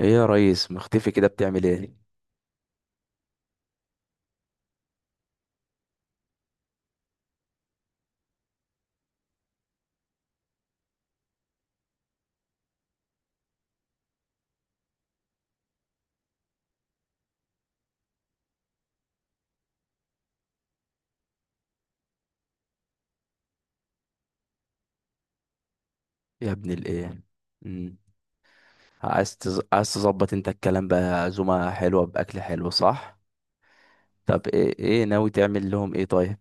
ايه يا ريس، مختفي كده، بتعمل ايه يا ابن الايه؟ امم عايز تظبط انت الكلام بقى، عزومه حلوه، باكل حلو، صح؟ طب ايه ناوي تعمل لهم ايه طيب؟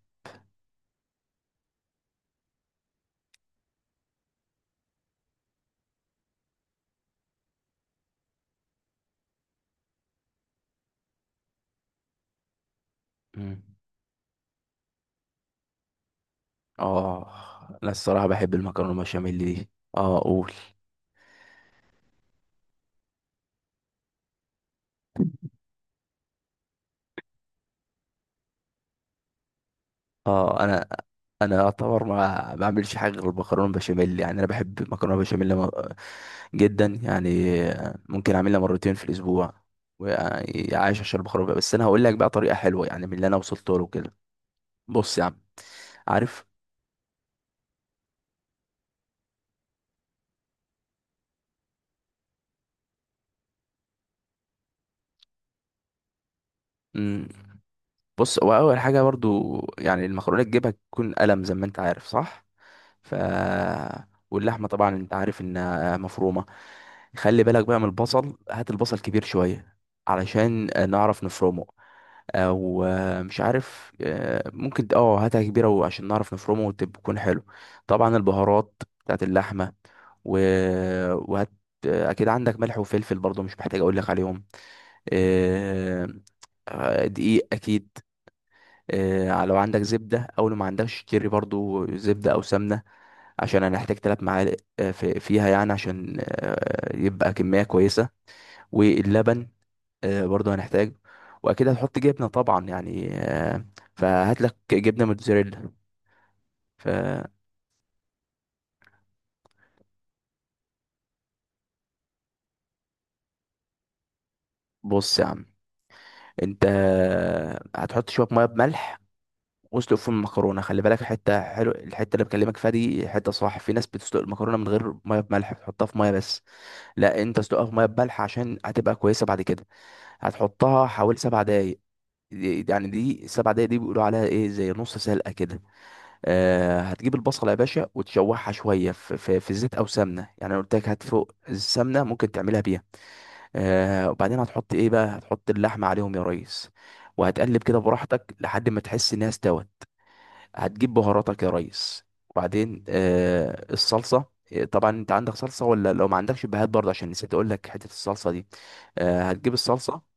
امم اه. انا الصراحه بحب المكرونه بشاميل دي. اه، قول. اه، انا اعتبر ما بعملش حاجه غير المكرونه بشاميل، يعني انا بحب المكرونه بشاميل جدا يعني. ممكن اعملها مرتين في الاسبوع وعايش عشان المكرونه، بس انا هقول لك بقى طريقه حلوه يعني من اللي انا وصلت له كده. بص يا عم، عارف. مم. بص، هو اول حاجه برضو يعني المكرونه تجيبها تكون قلم زي ما انت عارف، صح؟ ف واللحمه طبعا انت عارف انها مفرومه. خلي بالك بقى من البصل، هات البصل كبير شويه علشان نعرف نفرمه. او مش عارف، ممكن اه هاتها كبيره وعشان نعرف نفرمه وتكون حلو. طبعا البهارات بتاعت اللحمه و... وهات، اكيد عندك ملح وفلفل برضو، مش محتاج اقول لك عليهم. آه، دقيق اكيد. لو عندك زبدة او لو ما عندكش اشتري برضو زبدة او سمنة، عشان هنحتاج 3 معالق فيها يعني، عشان يبقى كمية كويسة. واللبن برضو هنحتاج. واكيد هتحط جبنة طبعا يعني، فهات لك جبنة موتزاريلا. فبص يا عم، انت هتحط شوية مية بملح واسلق فيهم المكرونه. خلي بالك حته حلو، الحته اللي بكلمك فيها دي حته صح. في ناس بتسلق المكرونه من غير ميه بملح، بتحطها في ميه بس. لا، انت اسلقها في ميه بملح عشان هتبقى كويسه بعد كده. هتحطها حوالي 7 دقايق. دي السبع دقايق دي بيقولوا عليها ايه زي نص سلقه كده. آه، هتجيب البصله يا باشا وتشوحها شويه في زيت او سمنه، يعني أنا قلت لك هات فوق السمنه ممكن تعملها بيها. آه، وبعدين هتحط ايه بقى، هتحط اللحمه عليهم يا ريس، وهتقلب كده براحتك لحد ما تحس انها استوت. هتجيب بهاراتك يا ريس، وبعدين آه الصلصه. طبعا انت عندك صلصه، ولا لو ما عندكش بهات برضه عشان نسيت اقول لك حته الصلصه دي. آه، هتجيب الصلصه.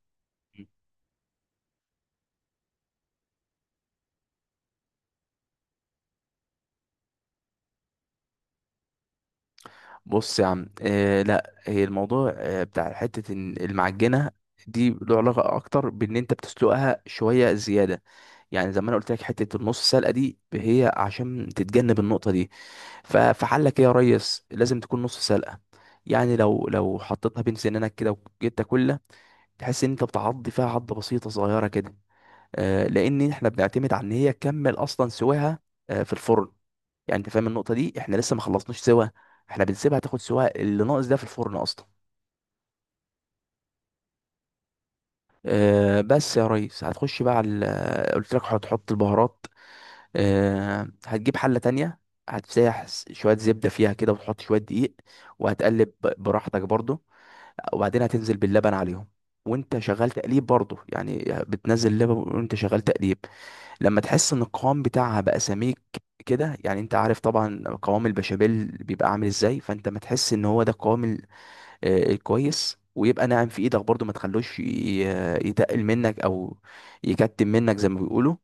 بص يا عم، آه لا، هي الموضوع آه بتاع حته إن المعجنه دي له علاقه اكتر بان انت بتسلقها شويه زياده. يعني زي ما انا قلت لك حته النص سلقه دي هي عشان تتجنب النقطه دي. فحلك ايه يا ريس، لازم تكون نص سلقه. يعني لو حطيتها بين سنانك كده وجيت تاكلها، تحس ان انت بتعض فيها عضه بسيطه صغيره كده. لان احنا بنعتمد على ان هي تكمل اصلا سواها في الفرن. يعني انت فاهم النقطه دي، احنا لسه ما خلصناش سوا، احنا بنسيبها تاخد سوا اللي ناقص ده في الفرن اصلا. بس يا ريس هتخش بقى على قلت لك هتحط البهارات. هتجيب حله تانية، هتسيح شويه زبده فيها كده وتحط شويه دقيق، وهتقلب براحتك برضو. وبعدين هتنزل باللبن عليهم وانت شغال تقليب برضو، يعني بتنزل لبن وانت شغال تقليب. لما تحس ان القوام بتاعها بقى سميك كده، يعني انت عارف طبعا قوام البشاميل بيبقى عامل ازاي، فانت ما تحس ان هو ده القوام الكويس، ويبقى ناعم في ايدك برضو، ما تخلوش يتقل منك او يكتم منك زي ما بيقولوا.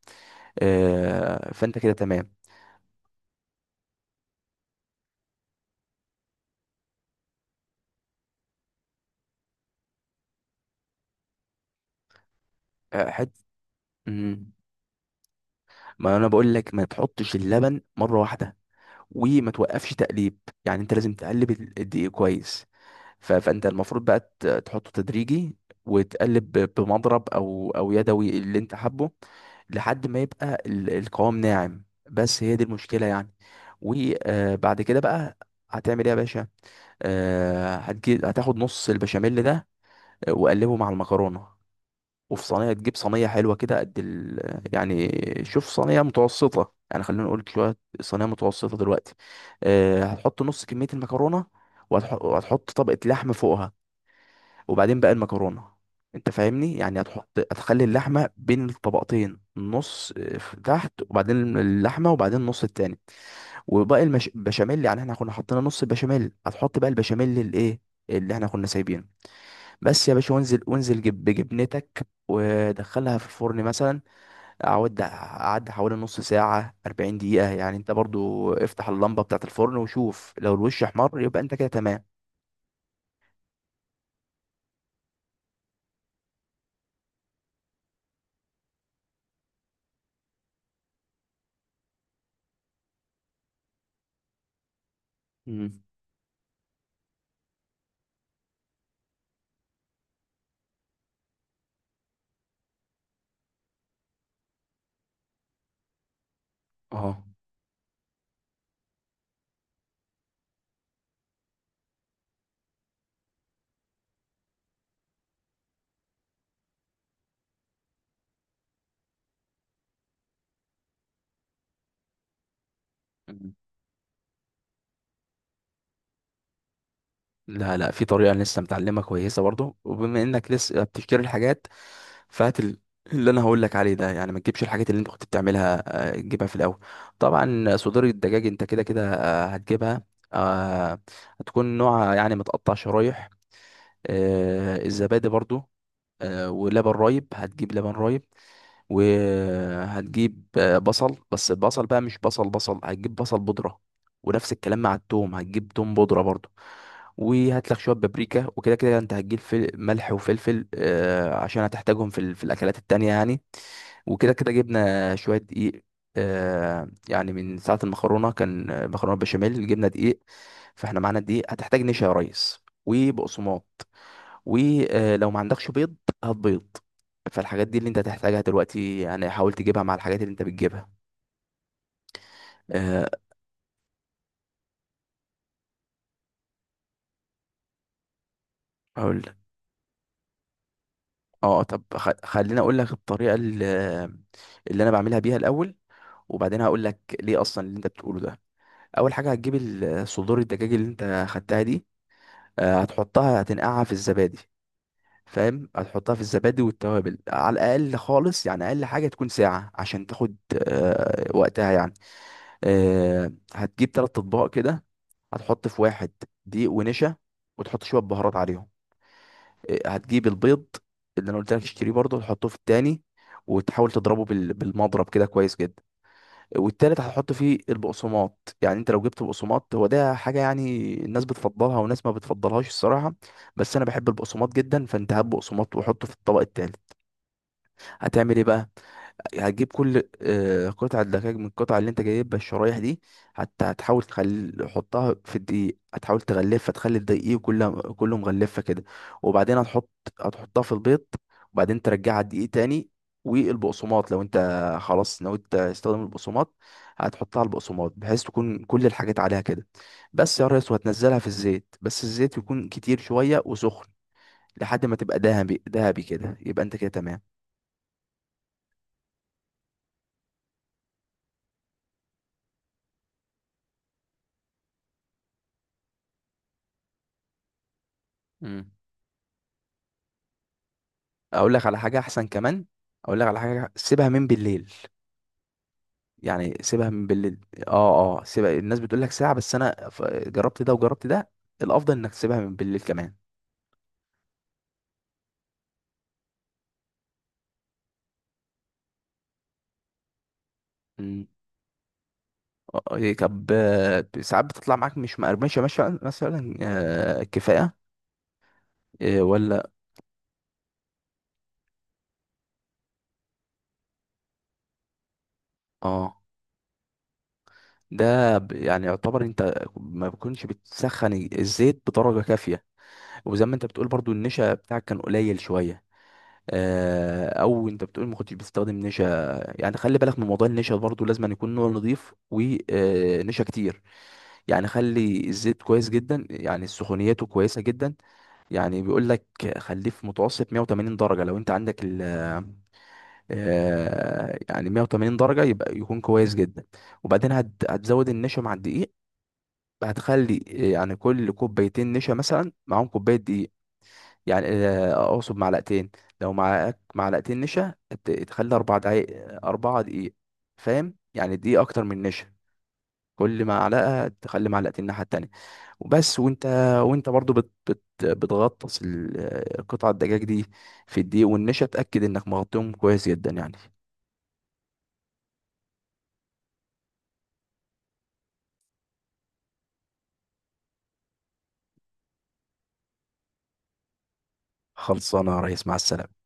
فانت كده تمام. آه، حت مم. ما انا بقول لك، ما تحطش اللبن مره واحده وما توقفش تقليب، يعني انت لازم تقلب الدقيق كويس. فانت المفروض بقى تحطه تدريجي وتقلب بمضرب او يدوي اللي انت حابه لحد ما يبقى القوام ناعم. بس هي دي المشكلة يعني. وبعد كده بقى هتعمل ايه يا باشا؟ آه، هتجيب هتاخد نص البشاميل ده وقلبه مع المكرونة. وفي صينية، تجيب صينية حلوة كده قد يعني شوف صينية متوسطة، يعني خلينا نقول شوية صينية متوسطة دلوقتي. هتحط نص كمية المكرونة، وهتحط طبقة لحم فوقها، وبعدين بقى المكرونة. انت فاهمني يعني، هتخلي اللحمة بين الطبقتين، نص في تحت، وبعدين اللحمة، وبعدين النص التاني. وباقي البشاميل يعني احنا كنا حطينا نص البشاميل، هتحط بقى البشاميل الايه اللي احنا كنا سايبينه. بس يا باشا، وانزل جب بجبنتك ودخلها في الفرن مثلا. اقعد اعد حوالي نص ساعة، 40 دقيقة يعني. انت برضو افتح اللمبة بتاعة الفرن وشوف، لو الوش احمر يبقى انت كده تمام. مم. اه. لا لا، في طريقة أنا لسه متعلمها كويسة برضو، وبما انك لسه بتفتكر الحاجات فهات اللي انا هقول لك عليه ده، يعني ما تجيبش الحاجات اللي انت كنت بتعملها، تجيبها في الاول. طبعا صدور الدجاج انت كده كده هتجيبها. آه، هتكون نوعها يعني متقطع شرايح. الزبادي برضو. ولبن رايب، هتجيب لبن رايب. وهتجيب بصل، بس البصل بقى مش بصل، هتجيب بصل بودرة. ونفس الكلام مع التوم، هتجيب توم بودرة برضو. وهات لك شوية بابريكا. وكده كده انت هتجيب ملح وفلفل عشان هتحتاجهم في الأكلات التانية يعني. وكده كده جبنا شوية دقيق، يعني من ساعة المكرونة كان مكرونة بشاميل، جبنا دقيق. فاحنا معانا دقيق. هتحتاج نشا يا ريس وبقسماط. ولو ما عندكش بيض، هات بيض. فالحاجات دي اللي انت هتحتاجها دلوقتي يعني، حاول تجيبها مع الحاجات اللي انت بتجيبها. آه، اقول لك. اه، طب خليني اقول لك الطريقه اللي انا بعملها بيها الاول، وبعدين هقول لك ليه اصلا اللي انت بتقوله ده. اول حاجه هتجيب صدور الدجاج اللي انت خدتها دي. آه، هتحطها هتنقعها في الزبادي. فاهم، هتحطها في الزبادي والتوابل على الاقل، خالص يعني، اقل حاجه تكون ساعه عشان تاخد وقتها يعني. هتجيب 3 اطباق كده. هتحط في واحد دقيق ونشا، وتحط شويه بهارات عليهم. هتجيب البيض اللي انا قلت لك اشتريه برضه، تحطه في التاني، وتحاول تضربه بالمضرب كده كويس جدا. والتالت هتحط فيه البقسماط. يعني انت لو جبت بقسماط، هو ده حاجه يعني الناس بتفضلها وناس ما بتفضلهاش الصراحه، بس انا بحب البقسماط جدا. فانت هات بقسماط وحطه في الطبق التالت. هتعمل ايه بقى؟ هتجيب كل قطعة دجاج من القطعة اللي انت جايبها الشرايح دي. حتى حطها في الدقيق، هتحاول تغلفها تخلي الدقيق كله مغلفة كده. وبعدين هتحطها في البيض، وبعدين ترجعها الدقيق تاني والبقسماط. لو انت خلاص ناوي تستخدم البقسماط، هتحطها على البقسماط بحيث تكون كل الحاجات عليها كده. بس يا ريس، وهتنزلها في الزيت، بس الزيت يكون كتير شوية وسخن، لحد ما تبقى دهبي دهبي كده يبقى انت كده تمام. مم. اقول لك على حاجه احسن كمان. اقول لك على حاجه، سيبها من بالليل، يعني سيبها من بالليل. اه اه، سيبها. الناس بتقول لك ساعه، بس انا جربت ده وجربت ده، الافضل انك تسيبها من بالليل كمان. مم. طب ساعات بتطلع معاك مش مقرمشه مثلا كفايه ولا؟ اه. يعني يعتبر انت ما بتكونش بتسخن الزيت بدرجه كافيه. وزي ما انت بتقول برضو، النشا بتاعك كان قليل شويه. او انت بتقول ما كنتش بتستخدم نشا. يعني خلي بالك من موضوع النشا برضو، لازم أن يكون نوع نظيف ونشا كتير. يعني خلي الزيت كويس جدا، يعني سخونيته كويسه جدا. يعني بيقول لك خليه في متوسط 180 درجه، لو انت عندك ال يعني 180 درجه يبقى يكون كويس جدا. وبعدين هتزود النشا مع الدقيق. هتخلي يعني كل كوبايتين نشا مثلا معاهم كوبايه دقيق. يعني اقصد معلقتين. لو معاك معلقتين نشا، تخلي 4 دقايق. اربعة دقيق فاهم، يعني دقيقة اكتر من نشا. كل معلقة تخلي معلقتين الناحية التانية. وبس. وانت برضو بت بت بتغطس قطع الدجاج دي في الدقيق والنشا. اتأكد انك مغطيهم كويس جدا يعني. خلصانة يا ريس، مع السلامة.